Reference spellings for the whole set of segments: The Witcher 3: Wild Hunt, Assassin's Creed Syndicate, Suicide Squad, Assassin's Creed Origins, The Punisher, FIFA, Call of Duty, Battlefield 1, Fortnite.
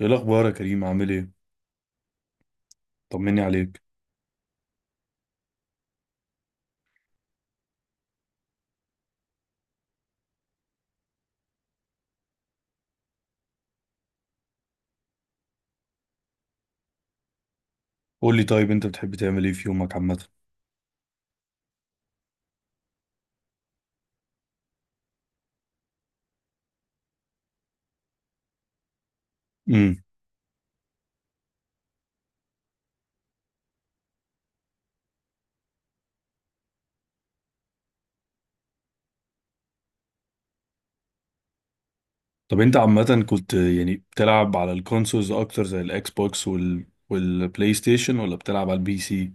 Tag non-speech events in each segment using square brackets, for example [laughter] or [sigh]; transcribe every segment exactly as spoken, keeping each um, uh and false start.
ايه الاخبار يا كريم؟ عامل ايه؟ طمني عليك. قول لي طيب، انت بتحب تعمل ايه في يومك عامه؟ امم طب انت عامه كنت يعني بتلعب على الكونسولز اكتر زي الاكس بوكس وال والبلاي ستيشن، ولا بتلعب على البي سي؟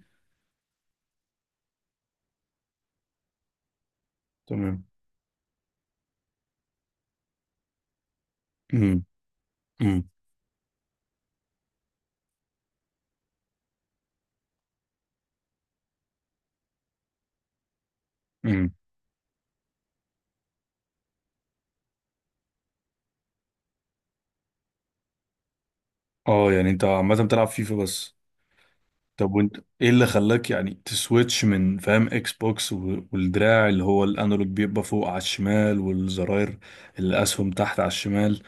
تمام. امم امم امم اه، يعني انت عامه بتلعب فيفا بس؟ طب وانت ايه اللي خلاك يعني تسويتش من فاهم اكس بوكس و- والدراع اللي هو الانالوج بيبقى فوق على الشمال، والزراير الاسهم تحت على الشمال،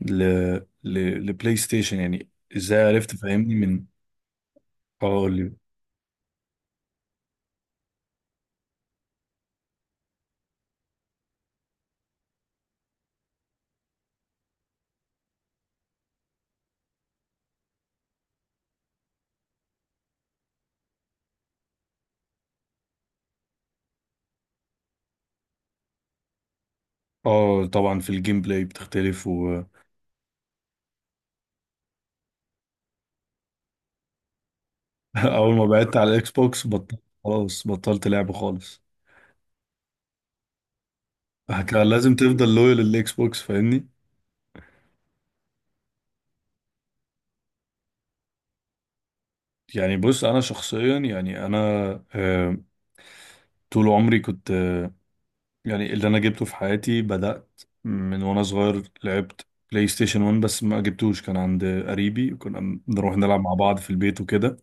ل... ل... لبلاي ستيشن يعني؟ ازاي عرفت فاهمني من اه ل... اه طبعا في الجيم بلاي بتختلف و... [laughs] اول ما بعدت على الاكس بوكس بطلت، خلاص بطلت لعب خالص، كان لازم تفضل لويال للاكس بوكس فاهمني. يعني بص انا شخصيا يعني انا آه، طول عمري كنت آه، يعني اللي انا جبته في حياتي بدأت من وانا صغير، لعبت بلاي ستيشن واحد بس ما جبتوش، كان عند قريبي، كنا بنروح نلعب مع بعض في البيت وكده.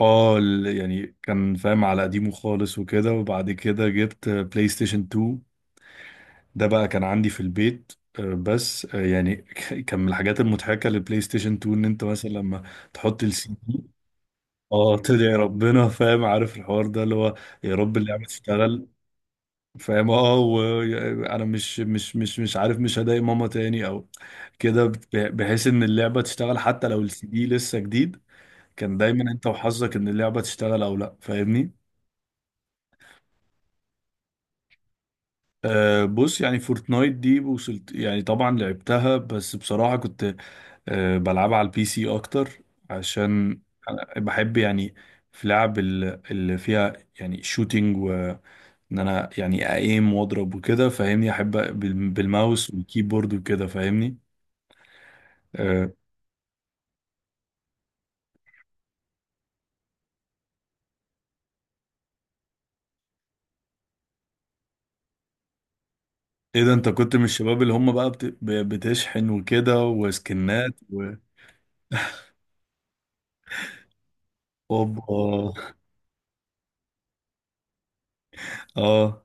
اه ال- يعني كان فاهم على قديمه خالص وكده، وبعد كده جبت بلاي ستيشن اتنين، ده بقى كان عندي في البيت. آه، بس آه، يعني [laughs] كان من الحاجات المضحكة للبلاي ستيشن اتنين ان انت مثلا لما تحط السي دي، اه تدعي ربنا فاهم، عارف الحوار ده اللي هو يا رب اللعبة تشتغل، فاهم؟ اه وانا مش مش مش مش عارف، مش هضايق ماما تاني او كده، بت- بحيث ان اللعبة تشتغل حتى لو السي دي لسه جديد، كان دايما انت وحظك ان اللعبة تشتغل او لا، فاهمني؟ أه بص، يعني فورتنايت دي وصلت يعني طبعا لعبتها، بس بصراحة كنت أه بلعبها على البي سي أكتر، عشان أنا بحب يعني في لعب ال- اللي فيها يعني شوتينج، وإن أنا يعني أقيم وأضرب وكده فاهمني، أحب بال- بالماوس والكيبورد وكده فاهمني. أه، إيه ده؟ أنت كنت من الشباب اللي هم بقى بت- ب- بتشحن وكده وسكنات و... أوبا. [laughs] آه.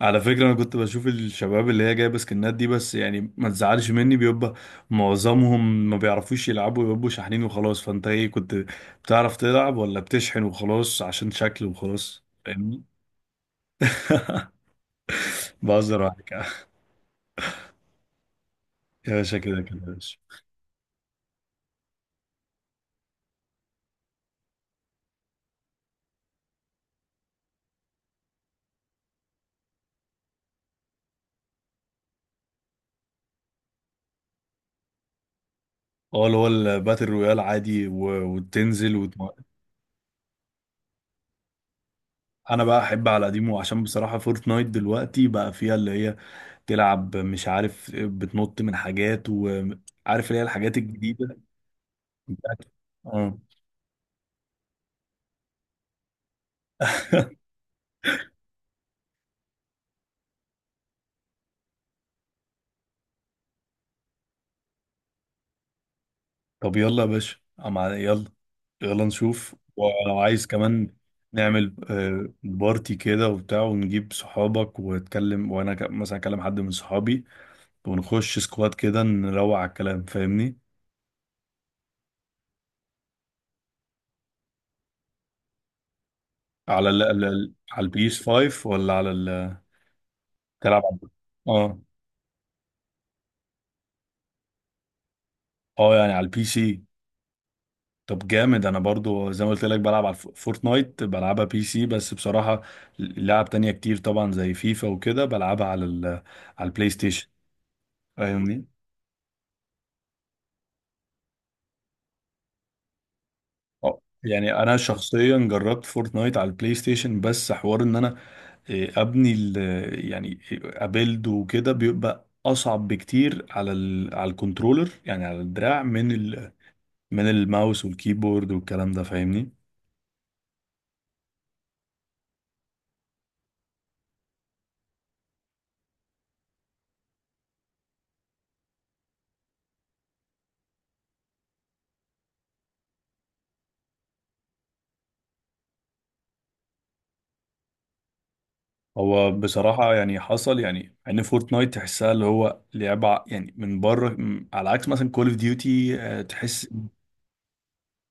على فكرة أنا كنت بشوف الشباب اللي هي جايبة سكنات دي، بس يعني ما تزعلش مني، بيبقى معظمهم ما بيعرفوش يلعبوا، بيبقوا شاحنين وخلاص، فأنت إيه كنت بتعرف تلعب، ولا بتشحن وخلاص عشان شكل وخلاص فاهمني؟ [laughs] بهزر معاك يا باشا، كده كده يا باشا. اه اللي هو الباتل رويال، عادي و... وتنزل وت... انا بقى احب على قديمه، عشان بصراحه فورتنايت دلوقتي بقى فيها اللي هي تلعب مش عارف، بتنط من حاجات وعارف اللي هي الحاجات الجديده. بتاعت- اه طب يلا يا باشا، أم- يلا، يلا نشوف، ولو عايز كمان نعمل آه، بارتي كده وبتاع، ونجيب صحابك واتكلم، وانا ك- مثلا اكلم حد من صحابي، ونخش سكواد كده، نروق على الكلام فاهمني. على ال ال- ال- على البيس خمسة ولا على ال... تلعب على اه. اه يعني على البي سي. طب جامد، انا برضو زي ما قلت لك بلعب على الف- فورتنايت بلعبها بي سي، بس بصراحة لعب تانية كتير طبعا زي فيفا وكده بلعبها على ال... على البلاي ستيشن فاهمني. اه، يعني انا شخصيا جربت فورتنايت على البلاي ستيشن، بس حوار ان انا آه، ابني ال- يعني ابيلد وكده، بيبقى اصعب بكتير على ال... على الكنترولر يعني على الدراع، من ال... من الماوس والكيبورد والكلام ده فاهمني. هو بصراحة يعني حصل يعني ان فورتنايت تحسها اللي هو لعبة يعني من بره، م- على عكس مثلا كول اوف ديوتي، تحس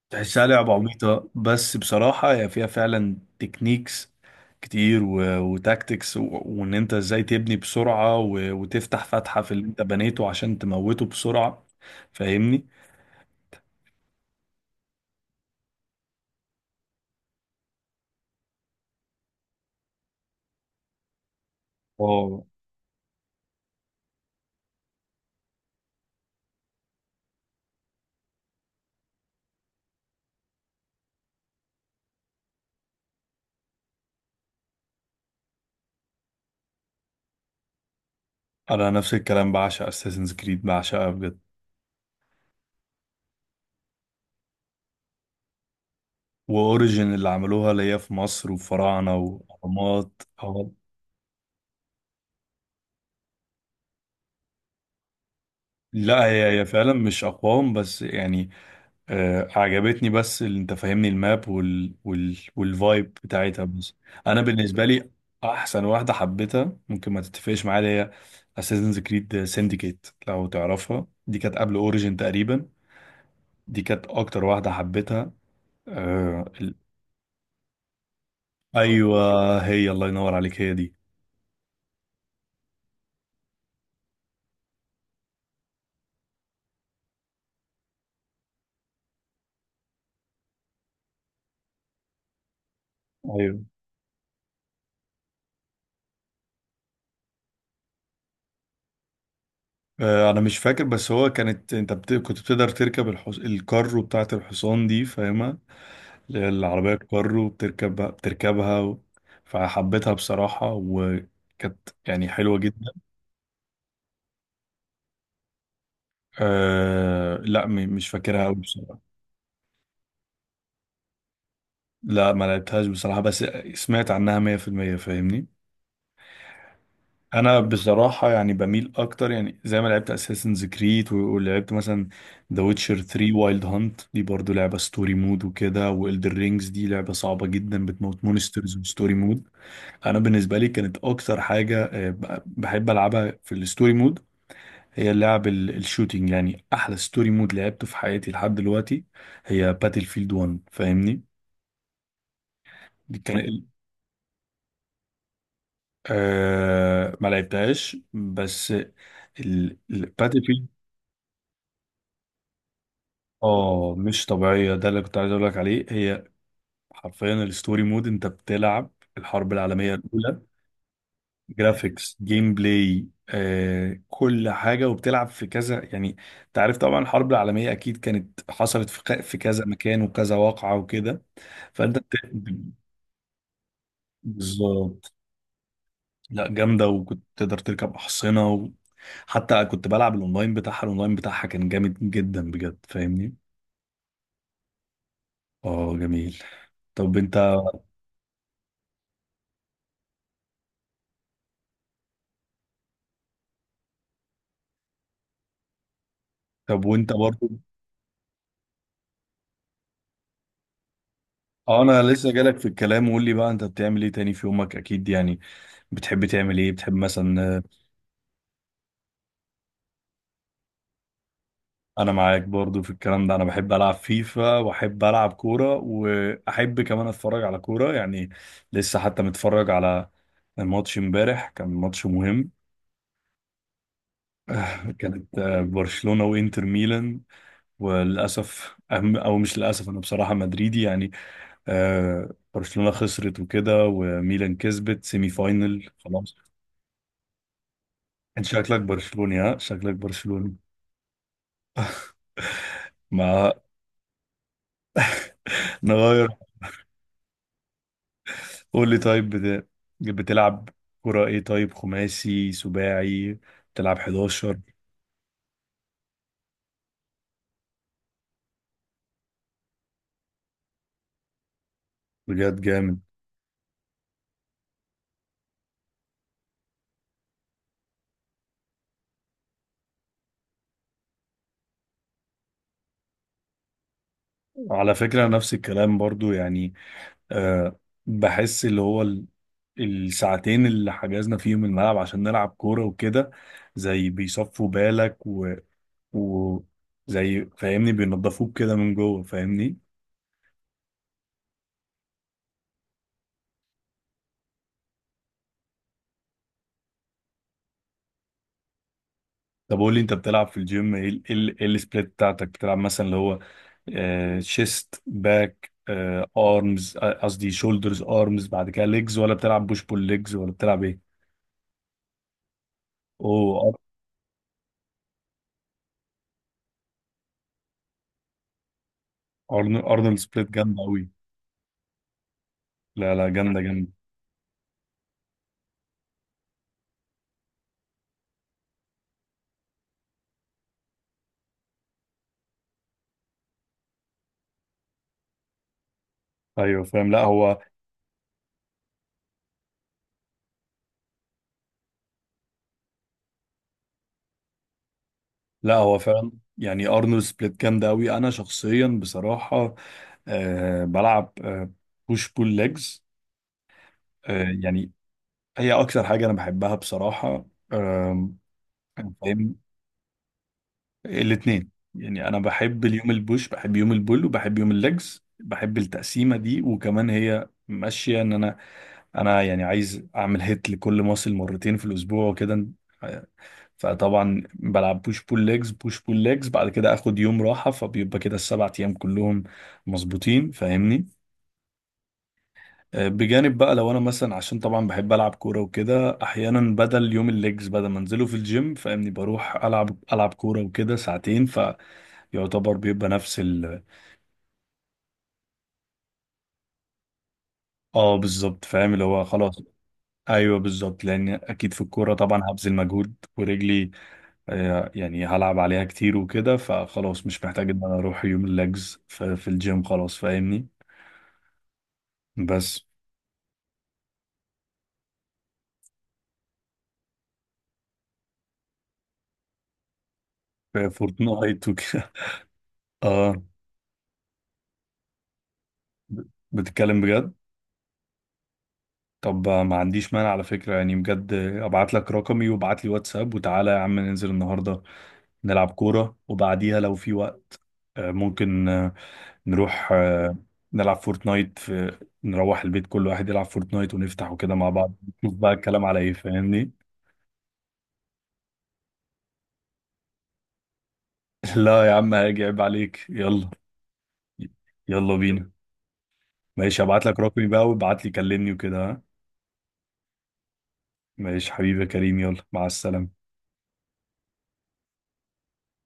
تحسها لعبة عبيطة، بس بصراحة هي فيها فعلا تكنيكس كتير و... وتاكتكس و... وان انت ازاي تبني بسرعة و... وتفتح فتحة في اللي انت بنيته عشان تموته بسرعة فاهمني؟ اه انا نفس الكلام، بعشق اساسنز كريد، بعشقها بجد. واوريجن اللي عملوها اللي هي في مصر وفراعنة واهرامات، اه لا هي هي فعلا مش اقوام بس يعني آه، عجبتني، بس اللي انت فاهمني الماب وال وال والفايب بتاعتها بس. انا بالنسبه لي احسن واحده حبيتها، ممكن ما تتفقش معايا، اللي هي اساسنز كريد سينديكيت لو تعرفها، دي كانت قبل اوريجين تقريبا، دي كانت اكتر واحده حبيتها. آه ال- ايوه، هي الله ينور عليك، هي دي. ايوه. آه انا مش فاكر، بس هو كانت انت بت... كنت بتقدر تركب الحص... الكارو بتاعت الحصان دي فاهمها، اللي هي العربية الكارو بتركبها، بتركبها و... فحبيتها بصراحة، وكانت يعني حلوة جدا. أه، لا م... مش فاكرها أوي بصراحة. لا ما لعبتهاش بصراحة، بس سمعت عنها مية في المية فاهمني. أنا بصراحة يعني بميل أكتر، يعني زي ما لعبت أساسنز كريد، ولعبت مثلا ذا ويتشر ثلاثة وايلد هانت، دي برضو لعبة ستوري مود وكده، وإلدر رينجز دي لعبة صعبة جدا، بتموت مونسترز وستوري مود. انا بالنسبه لي كانت اكتر حاجه آه، ب- بحب العبها في الستوري مود، هي اللعب ال- الشوتينج، يعني احلى ستوري مود لعبته في حياتي لحد دلوقتي هي باتل فيلد واحد فاهمني. دي كان آه ما لعبتهاش، بس الباتل فيلد اه مش طبيعيه، ده اللي كنت عايز اقول لك عليه، هي حرفيا الستوري مود انت بتلعب الحرب العالميه الاولى، جرافيكس جيم بلاي آه، كل حاجة، وبتلعب في كذا يعني، انت عارف طبعا الحرب العالمية أكيد كانت حصلت في ك- في كذا مكان وكذا واقعة وكده، فأنت بت- بالظبط. لا جامدة، وكنت تقدر تركب أحصنة، وحتى كنت بلعب الأونلاين بتاعها، الأونلاين بتاعها كان جامد جدا بجد فاهمني؟ اه جميل. طب انت طب وانت برضو، اه انا لسه جالك في الكلام، وقول لي بقى انت بتعمل ايه تاني في يومك، اكيد يعني بتحب تعمل ايه، بتحب مثلا؟ انا معاك برضو في الكلام ده، انا بحب العب فيفا، واحب العب كوره، واحب كمان اتفرج على كوره يعني، لسه حتى متفرج على ماتش امبارح، كان ماتش مهم. [laughs] آه، كانت آه، برشلونه وانتر ميلان، وللاسف أهم- او مش للاسف، انا بصراحه مدريدي يعني، آه، برشلونه خسرت وكده، وميلان كسبت سيمي فاينل خلاص. انت شكلك برشلوني ها؟ شكلك برشلوني. ما [laughs] نغير. قول لي طيب بت- بتلعب كرة ايه؟ طيب خماسي، سباعي، بتلعب أحد عشر؟ بجد جامد. على فكرة نفس الكلام برضو يعني، أه بحس اللي هو ال- الساعتين اللي حجزنا فيهم الملعب عشان نلعب كورة وكده، زي بيصفوا بالك و... و... زي فاهمني بينضفوك كده من جوه فاهمني. طب قول لي، انت بتلعب في الجيم ايه ال- ايه ال- إيه السبليت بتاعتك؟ بتلعب مثلا اللي هو شيست باك ارمز، قصدي شولدرز ارمز، بعد كده ليجز، ولا بتلعب بوش بول ليجز، ولا بتلعب ايه؟ اوه أر- أرن- ارنولد سبليت جامده قوي. لا لا جامده جامده. ايوه فاهم، لا هو، لا هو فعلا. يعني ارنولد سبليت جامده قوي، انا شخصيا بصراحه آه بلعب بوش بول ليجز، أه push pull legs. آه، يعني هي اكتر حاجه انا بحبها بصراحه. آم، فاهم الاثنين، يعني انا بحب اليوم البوش، بحب يوم البول، وبحب يوم الليجز، بحب التقسيمه دي، وكمان هي ماشيه ان انا، انا يعني عايز اعمل هيت لكل ماسل مرتين في الاسبوع وكده، فطبعا بلعب بوش بول ليجز بوش بول ليجز بعد كده اخد يوم راحه، فبيبقى كده السبع ايام كلهم مظبوطين فاهمني. آه، بجانب بقى لو انا مثلا، عشان طبعا بحب العب كوره وكده، احيانا بدل يوم الليجز بدل ما انزله في الجيم فاهمني، بروح العب العب كوره وكده ساعتين، يعتبر بيبقى نفس ال... اه بالظبط فاهم، اللي هو خلاص. ايوه بالظبط، لان اكيد في الكوره طبعا هبذل مجهود، ورجلي آه، يعني هلعب عليها كتير وكده، فخلاص مش محتاج ان انا اروح يوم الليجز ف- في الجيم خلاص فاهمني. بس. في فورتنايت وكده. [laughs] اه ب- بتتكلم بجد؟ طب ما عنديش مانع على فكره، يعني بجد ابعت لك رقمي وابعت لي واتساب، وتعالى يا عم ننزل النهارده نلعب كوره، وبعديها لو في وقت آه، ممكن آه، نروح آه، نلعب فورتنايت في... نروح البيت كل واحد يلعب فورتنايت ونفتح وكده مع بعض، نشوف بقى الكلام على ايه فاهمني. [laughs] لا يا عم هاجي، عيب عليك، يلا. يلا بينا. ماشي، هبعت لك رقمي بقى، وابعت لي كلمني وكده، ها؟ ماشي حبيبي يا كريم، يلا مع السلامة.